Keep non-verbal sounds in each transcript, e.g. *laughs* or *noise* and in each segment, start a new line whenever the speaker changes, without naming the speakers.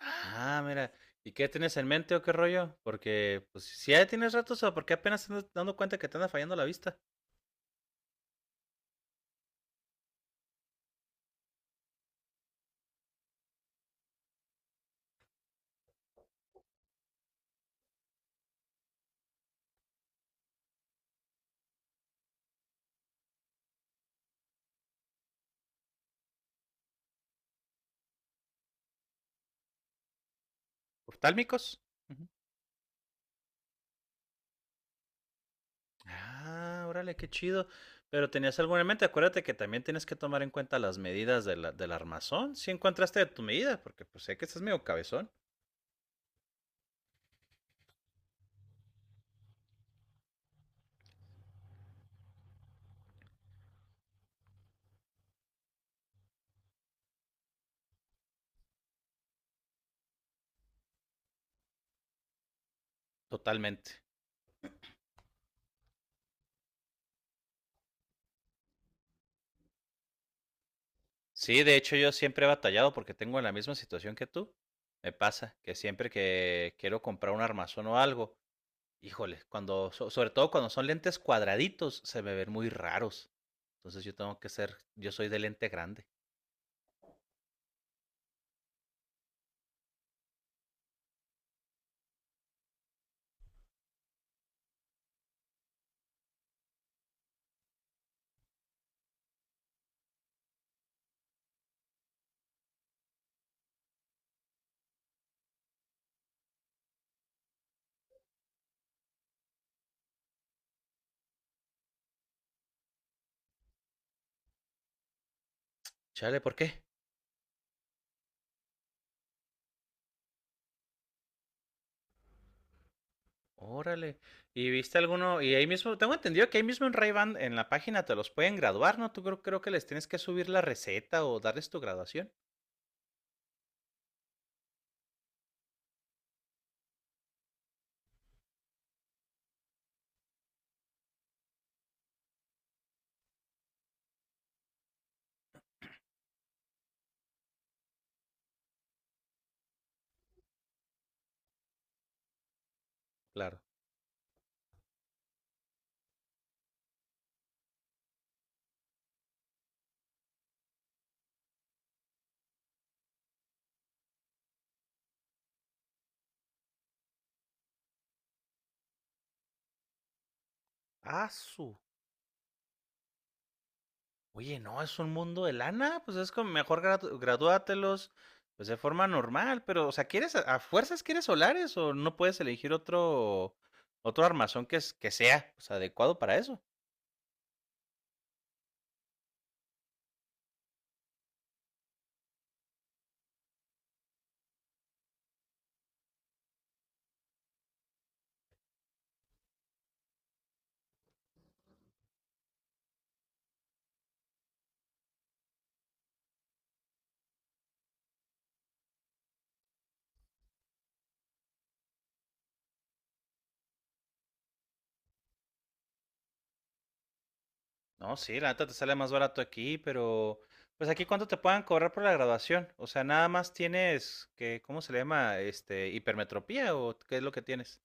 Ah, mira. ¿Y qué tienes en mente o qué rollo? Porque, pues, si ya tienes ratos o porque apenas te andas dando cuenta que te anda fallando la vista. ¿Oftálmicos? Ujú. Ah, órale, qué chido. Pero tenías algo en mente. Acuérdate que también tienes que tomar en cuenta las medidas de del armazón. Si encontraste tu medida, porque pues sé que estás medio cabezón. Totalmente. Sí, de hecho yo siempre he batallado porque tengo la misma situación que tú. Me pasa que siempre que quiero comprar un armazón o algo, híjole, cuando, sobre todo cuando son lentes cuadraditos, se me ven muy raros. Entonces yo tengo que ser, yo soy de lente grande. Chale, ¿por qué? Órale. ¿Y viste alguno? Y ahí mismo, tengo entendido que ahí mismo en Ray-Ban, en la página te los pueden graduar, ¿no? Tú creo que les tienes que subir la receta o darles tu graduación. Claro. Ah, oye, no, es un mundo de lana, pues es como mejor gradúatelos, pues de forma normal, pero, o sea, ¿quieres, a fuerzas quieres solares o no puedes elegir otro, otro armazón que, que sea, pues, adecuado para eso? No, sí, la neta te sale más barato aquí, pero, pues aquí cuánto te puedan cobrar por la graduación, o sea, nada más tienes, que, ¿cómo se le llama? Este, hipermetropía o qué es lo que tienes.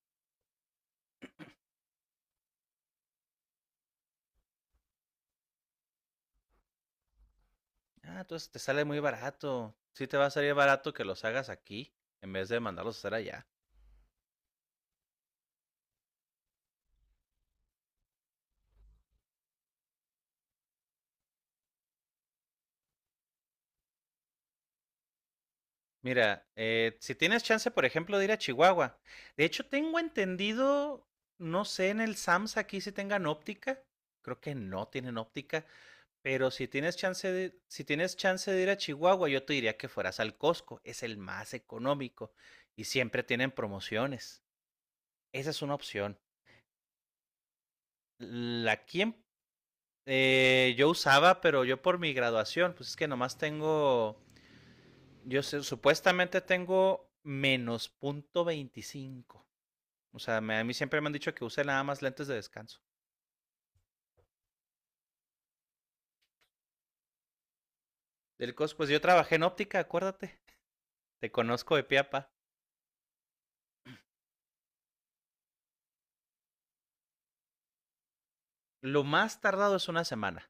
Ah, entonces te sale muy barato, sí te va a salir barato que los hagas aquí en vez de mandarlos a hacer allá. Mira, si tienes chance, por ejemplo, de ir a Chihuahua. De hecho, tengo entendido, no sé en el SAMS aquí si tengan óptica. Creo que no tienen óptica, pero si tienes chance de, ir a Chihuahua, yo te diría que fueras al Costco, es el más económico y siempre tienen promociones. Esa es una opción. La aquí en-. Yo usaba, pero yo por mi graduación, pues es que nomás tengo, yo supuestamente tengo -0.25. O sea, a mí siempre me han dicho que use nada más lentes de descanso. Pues yo trabajé en óptica, acuérdate. Te conozco de piapa. Lo más tardado es una semana.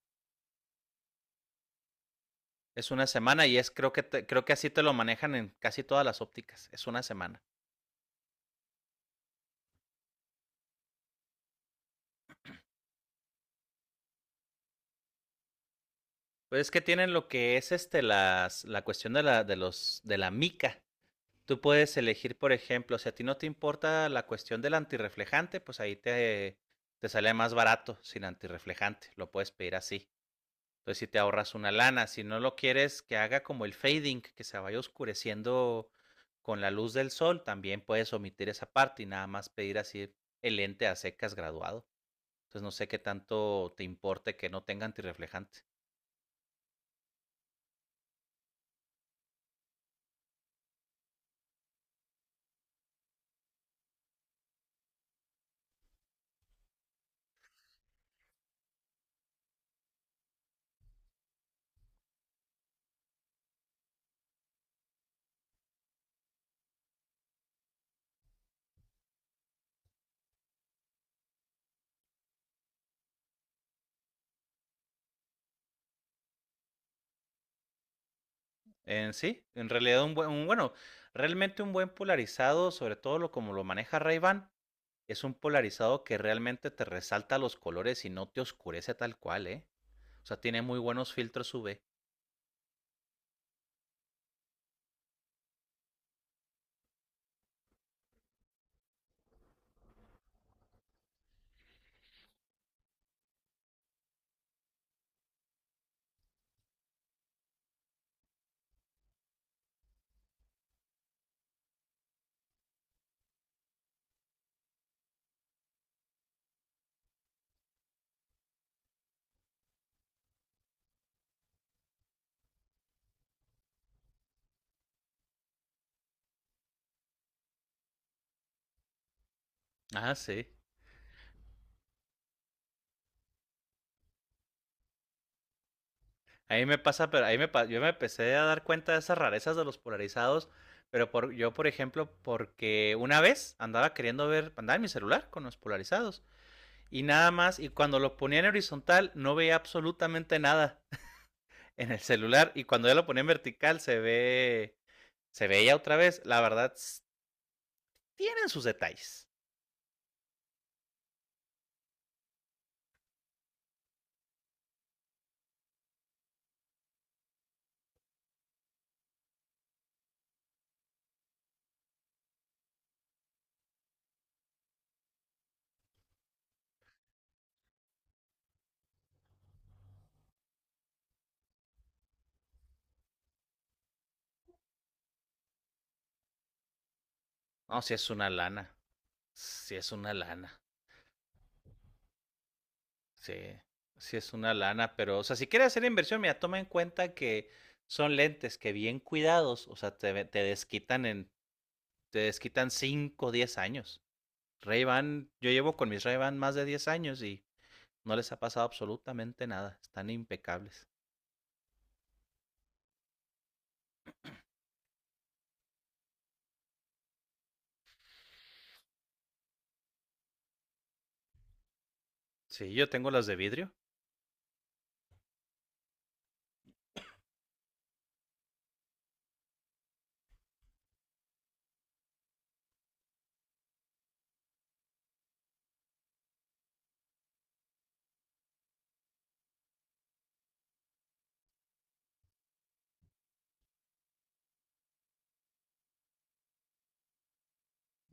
Es una semana y es creo que creo que así te lo manejan en casi todas las ópticas. Es una semana. Pues es que tienen lo que es este las la cuestión de la de los de la mica. Tú puedes elegir, por ejemplo, si a ti no te importa la cuestión del antirreflejante, pues ahí te sale más barato sin antirreflejante. Lo puedes pedir así. Entonces, si te ahorras una lana, si no lo quieres que haga como el fading, que se vaya oscureciendo con la luz del sol, también puedes omitir esa parte y nada más pedir así el lente a secas graduado. Entonces, no sé qué tanto te importe que no tenga antirreflejante. En sí, en realidad un buen, bueno, realmente un buen polarizado, sobre todo lo como lo maneja Ray-Ban, es un polarizado que realmente te resalta los colores y no te oscurece tal cual, ¿eh? O sea, tiene muy buenos filtros UV. Ah, sí. A mí me pasa, pero ahí yo me empecé a dar cuenta de esas rarezas de los polarizados, pero por, yo, por ejemplo, porque una vez andaba queriendo ver, andaba en mi celular con los polarizados y nada más, y cuando lo ponía en horizontal no veía absolutamente nada *laughs* en el celular y cuando ya lo ponía en vertical se ve, se veía otra vez. La verdad, tienen sus detalles. No, si es una lana, si es una lana. Sí, sí es una lana, pero, o sea, si quieres hacer inversión, mira, toma en cuenta que son lentes que bien cuidados, o sea, te, te desquitan 5 o 10 años. Ray-Ban, yo llevo con mis Ray-Ban más de 10 años y no les ha pasado absolutamente nada, están impecables. Sí, yo tengo las de vidrio,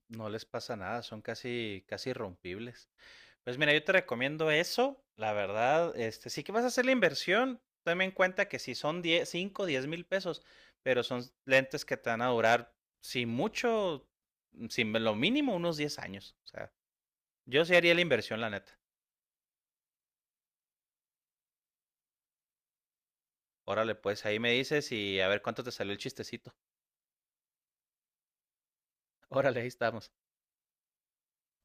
no les pasa nada, son casi, casi irrompibles. Pues mira, yo te recomiendo eso, la verdad, este, sí que vas a hacer la inversión, tome en cuenta que si son 10, 5, 10,000 pesos, pero son lentes que te van a durar, sin mucho, sin lo mínimo, unos 10 años. O sea, yo sí haría la inversión, la neta. Órale, pues ahí me dices y a ver cuánto te salió el chistecito. *laughs* Órale, ahí estamos.